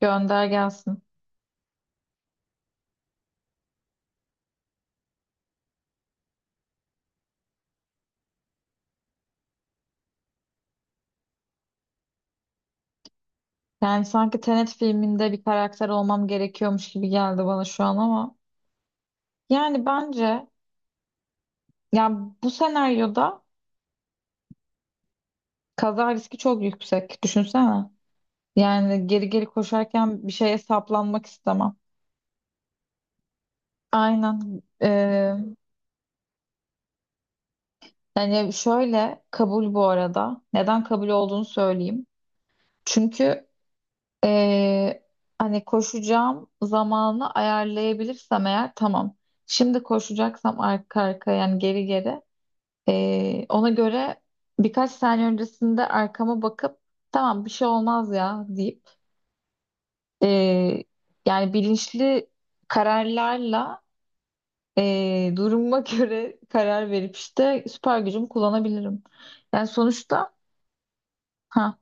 Gönder gelsin. Yani sanki Tenet filminde bir karakter olmam gerekiyormuş gibi geldi bana şu an ama. Yani bence, ya, bu senaryoda kaza riski çok yüksek. Düşünsene. Yani geri geri koşarken bir şeye saplanmak istemem. Aynen. Yani şöyle kabul bu arada. Neden kabul olduğunu söyleyeyim. Çünkü ee, hani koşacağım zamanı ayarlayabilirsem eğer tamam. Şimdi koşacaksam arka arkaya, yani geri geri. Ona göre birkaç saniye öncesinde arkama bakıp tamam bir şey olmaz ya deyip ee, yani bilinçli kararlarla, duruma göre karar verip işte süper gücümü kullanabilirim. Yani sonuçta, ha,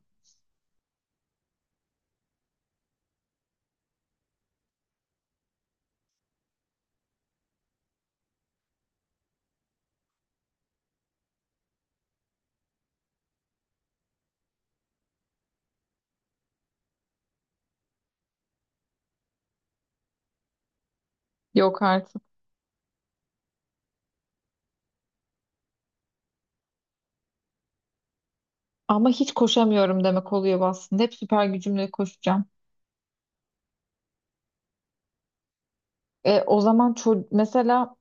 yok artık. Ama hiç koşamıyorum demek oluyor bu aslında. Hep süper gücümle koşacağım. O zaman mesela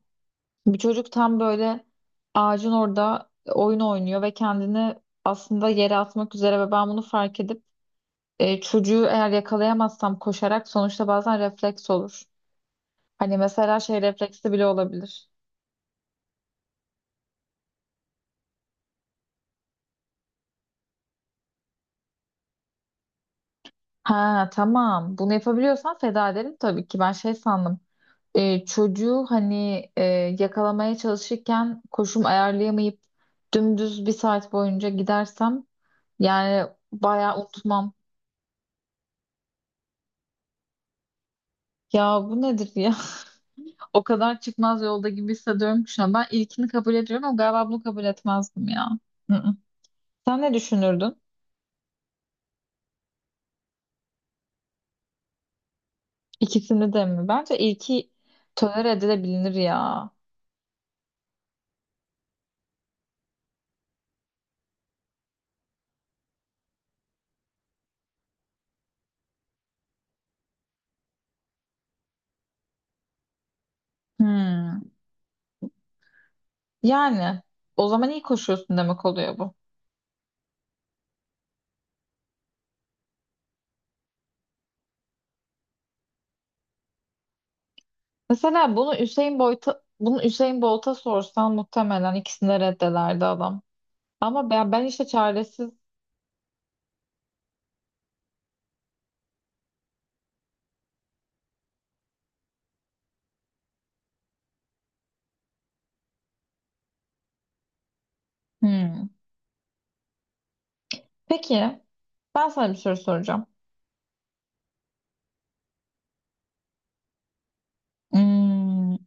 bir çocuk tam böyle ağacın orada oyun oynuyor ve kendini aslında yere atmak üzere ve ben bunu fark edip çocuğu eğer yakalayamazsam koşarak sonuçta bazen refleks olur. Hani mesela şey refleksi bile olabilir. Ha, tamam, bunu yapabiliyorsan feda ederim tabii ki. Ben şey sandım. Çocuğu hani, yakalamaya çalışırken koşum ayarlayamayıp dümdüz bir saat boyunca gidersem yani bayağı unutmam. Ya bu nedir ya? O kadar çıkmaz yolda gibi hissediyorum ki şu an. Ben ilkini kabul ediyorum ama galiba bunu kabul etmezdim ya. Hı-hı. Sen ne düşünürdün? İkisini de mi? Bence ilki tolere edilebilir ya. Hmm. Yani o zaman iyi koşuyorsun demek oluyor bu. Mesela bunu Hüseyin Bolt'a sorsan muhtemelen ikisini de reddederdi adam. Ama ben işte çaresiz. Hmm. Peki ben sana bir soru soracağım. Hmm.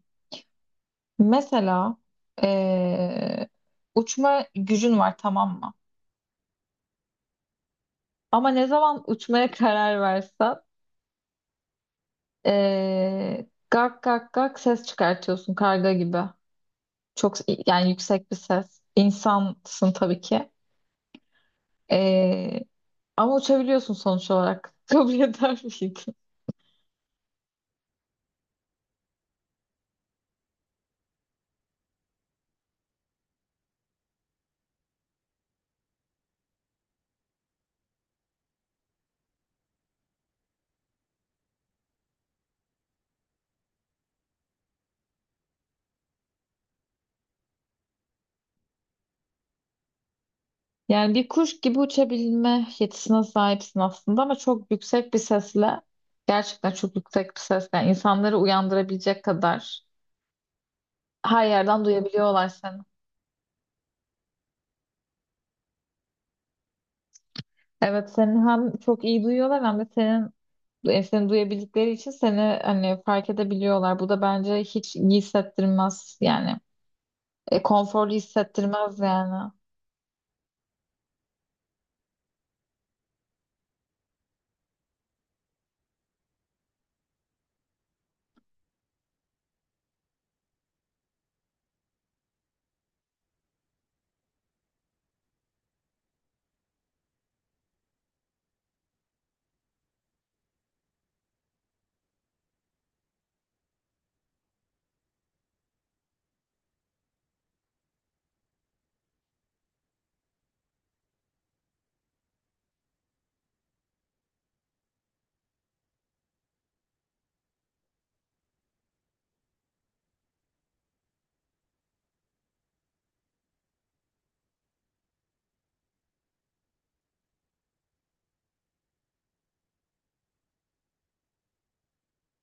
Mesela eee, uçma gücün var tamam mı? Ama ne zaman uçmaya karar versen gak gak gak ses çıkartıyorsun karga gibi. Çok, yani yüksek bir ses. İnsansın tabii ki. Eee, Ama uçabiliyorsun sonuç olarak. Kabul eder miydin? Yani bir kuş gibi uçabilme yetisine sahipsin aslında ama çok yüksek bir sesle, gerçekten çok yüksek bir sesle, yani insanları uyandırabilecek kadar her yerden duyabiliyorlar seni. Evet, seni hem çok iyi duyuyorlar hem de senin, seni duyabildikleri için seni hani fark edebiliyorlar. Bu da bence hiç iyi hissettirmez yani. Konforlu hissettirmez yani.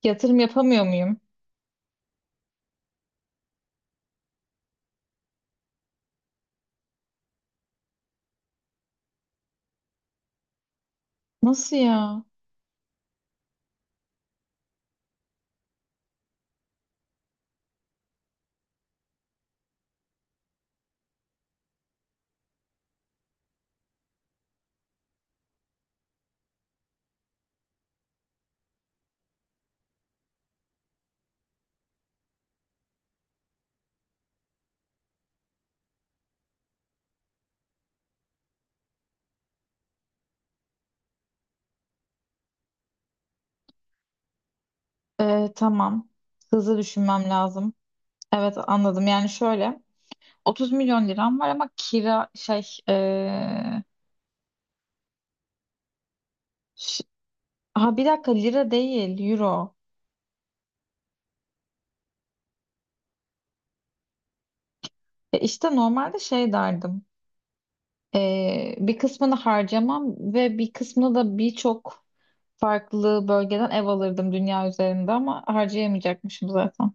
Yatırım yapamıyor muyum? Nasıl ya? Tamam. Hızlı düşünmem lazım. Evet, anladım. Yani şöyle, 30 milyon liram var ama kira şey, e, ş- ha, bir dakika, lira değil, euro. İşte normalde şey derdim. Bir kısmını harcamam ve bir kısmını da birçok farklı bölgeden ev alırdım dünya üzerinde ama harcayamayacakmışım zaten.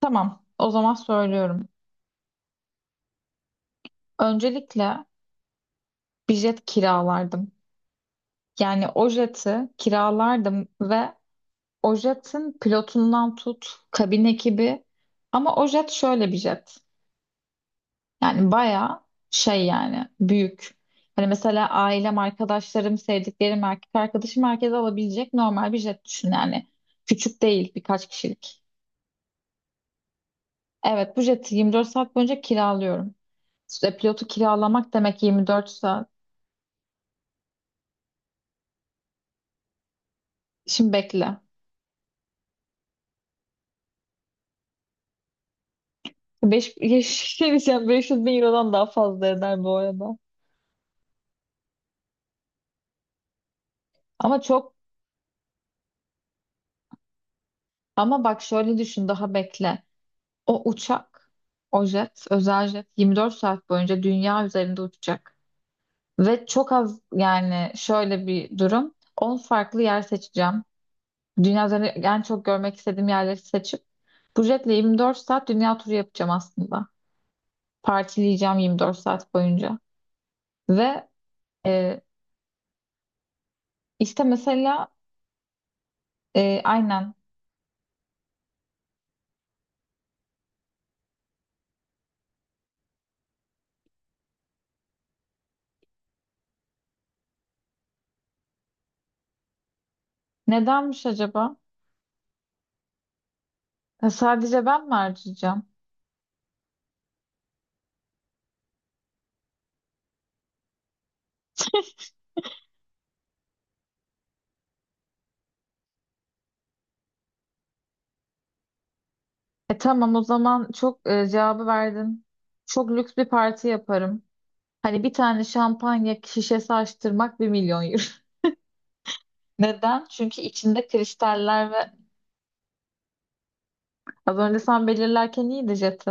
Tamam, o zaman söylüyorum. Öncelikle bir jet kiralardım. Yani o jeti kiralardım ve o jetin pilotundan tut, kabin ekibi. Ama o jet şöyle bir jet. Yani bayağı şey, yani büyük. Hani mesela ailem, arkadaşlarım, sevdiklerim, erkek arkadaşım, herkes alabilecek normal bir jet düşün yani. Küçük değil, birkaç kişilik. Evet, bu jeti 24 saat boyunca kiralıyorum. İşte pilotu kiralamak demek 24 saat. Şimdi bekle. 5, şey diyeceğim, 500 bin eurodan daha fazla eder bu arada. Ama çok ama bak, şöyle düşün, daha bekle. O uçak, o jet, özel jet, 24 saat boyunca dünya üzerinde uçacak. Ve çok az, yani şöyle bir durum: 10 farklı yer seçeceğim. Dünya üzerinde en çok görmek istediğim yerleri seçip bu jetle 24 saat dünya turu yapacağım aslında. Partileyeceğim 24 saat boyunca. Ve e, işte mesela, aynen, nedenmiş acaba? Sadece ben mi harcayacağım? Tamam, o zaman çok, cevabı verdin. Çok lüks bir parti yaparım. Hani bir tane şampanya şişesi açtırmak 1 milyon euro. Neden? Çünkü içinde kristaller ve az önce sen belirlerken iyiydi jeti.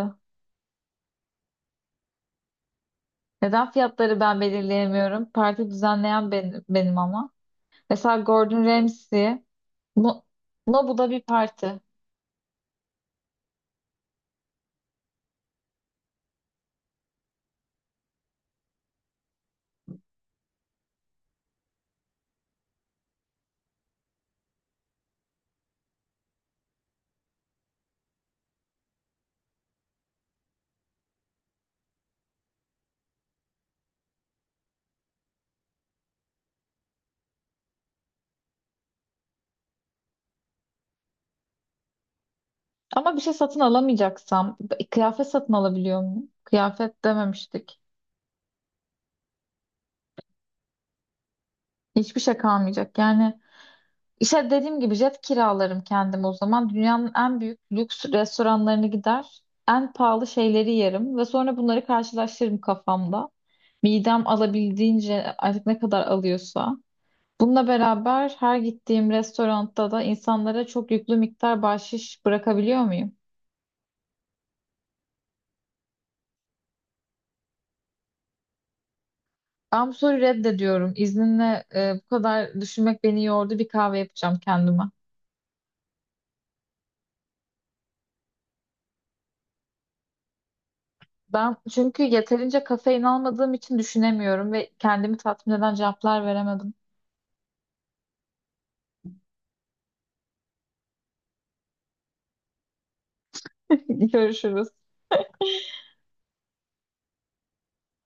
Neden fiyatları ben belirleyemiyorum? Parti düzenleyen benim, benim ama. Mesela Gordon Ramsay, bu, no, bu da bir parti. Ama bir şey satın alamayacaksam, kıyafet satın alabiliyor muyum? Kıyafet dememiştik. Hiçbir şey kalmayacak. Yani işte dediğim gibi jet kiralarım kendim o zaman. Dünyanın en büyük lüks restoranlarına gider. En pahalı şeyleri yerim ve sonra bunları karşılaştırırım kafamda. Midem alabildiğince, artık ne kadar alıyorsa. Bununla beraber her gittiğim restoranda da insanlara çok yüklü miktar bahşiş bırakabiliyor muyum? Ben bu soruyu reddediyorum. İzninle, bu kadar düşünmek beni yordu. Bir kahve yapacağım kendime. Ben çünkü yeterince kafein almadığım için düşünemiyorum ve kendimi tatmin eden cevaplar veremedim. Görüşürüz.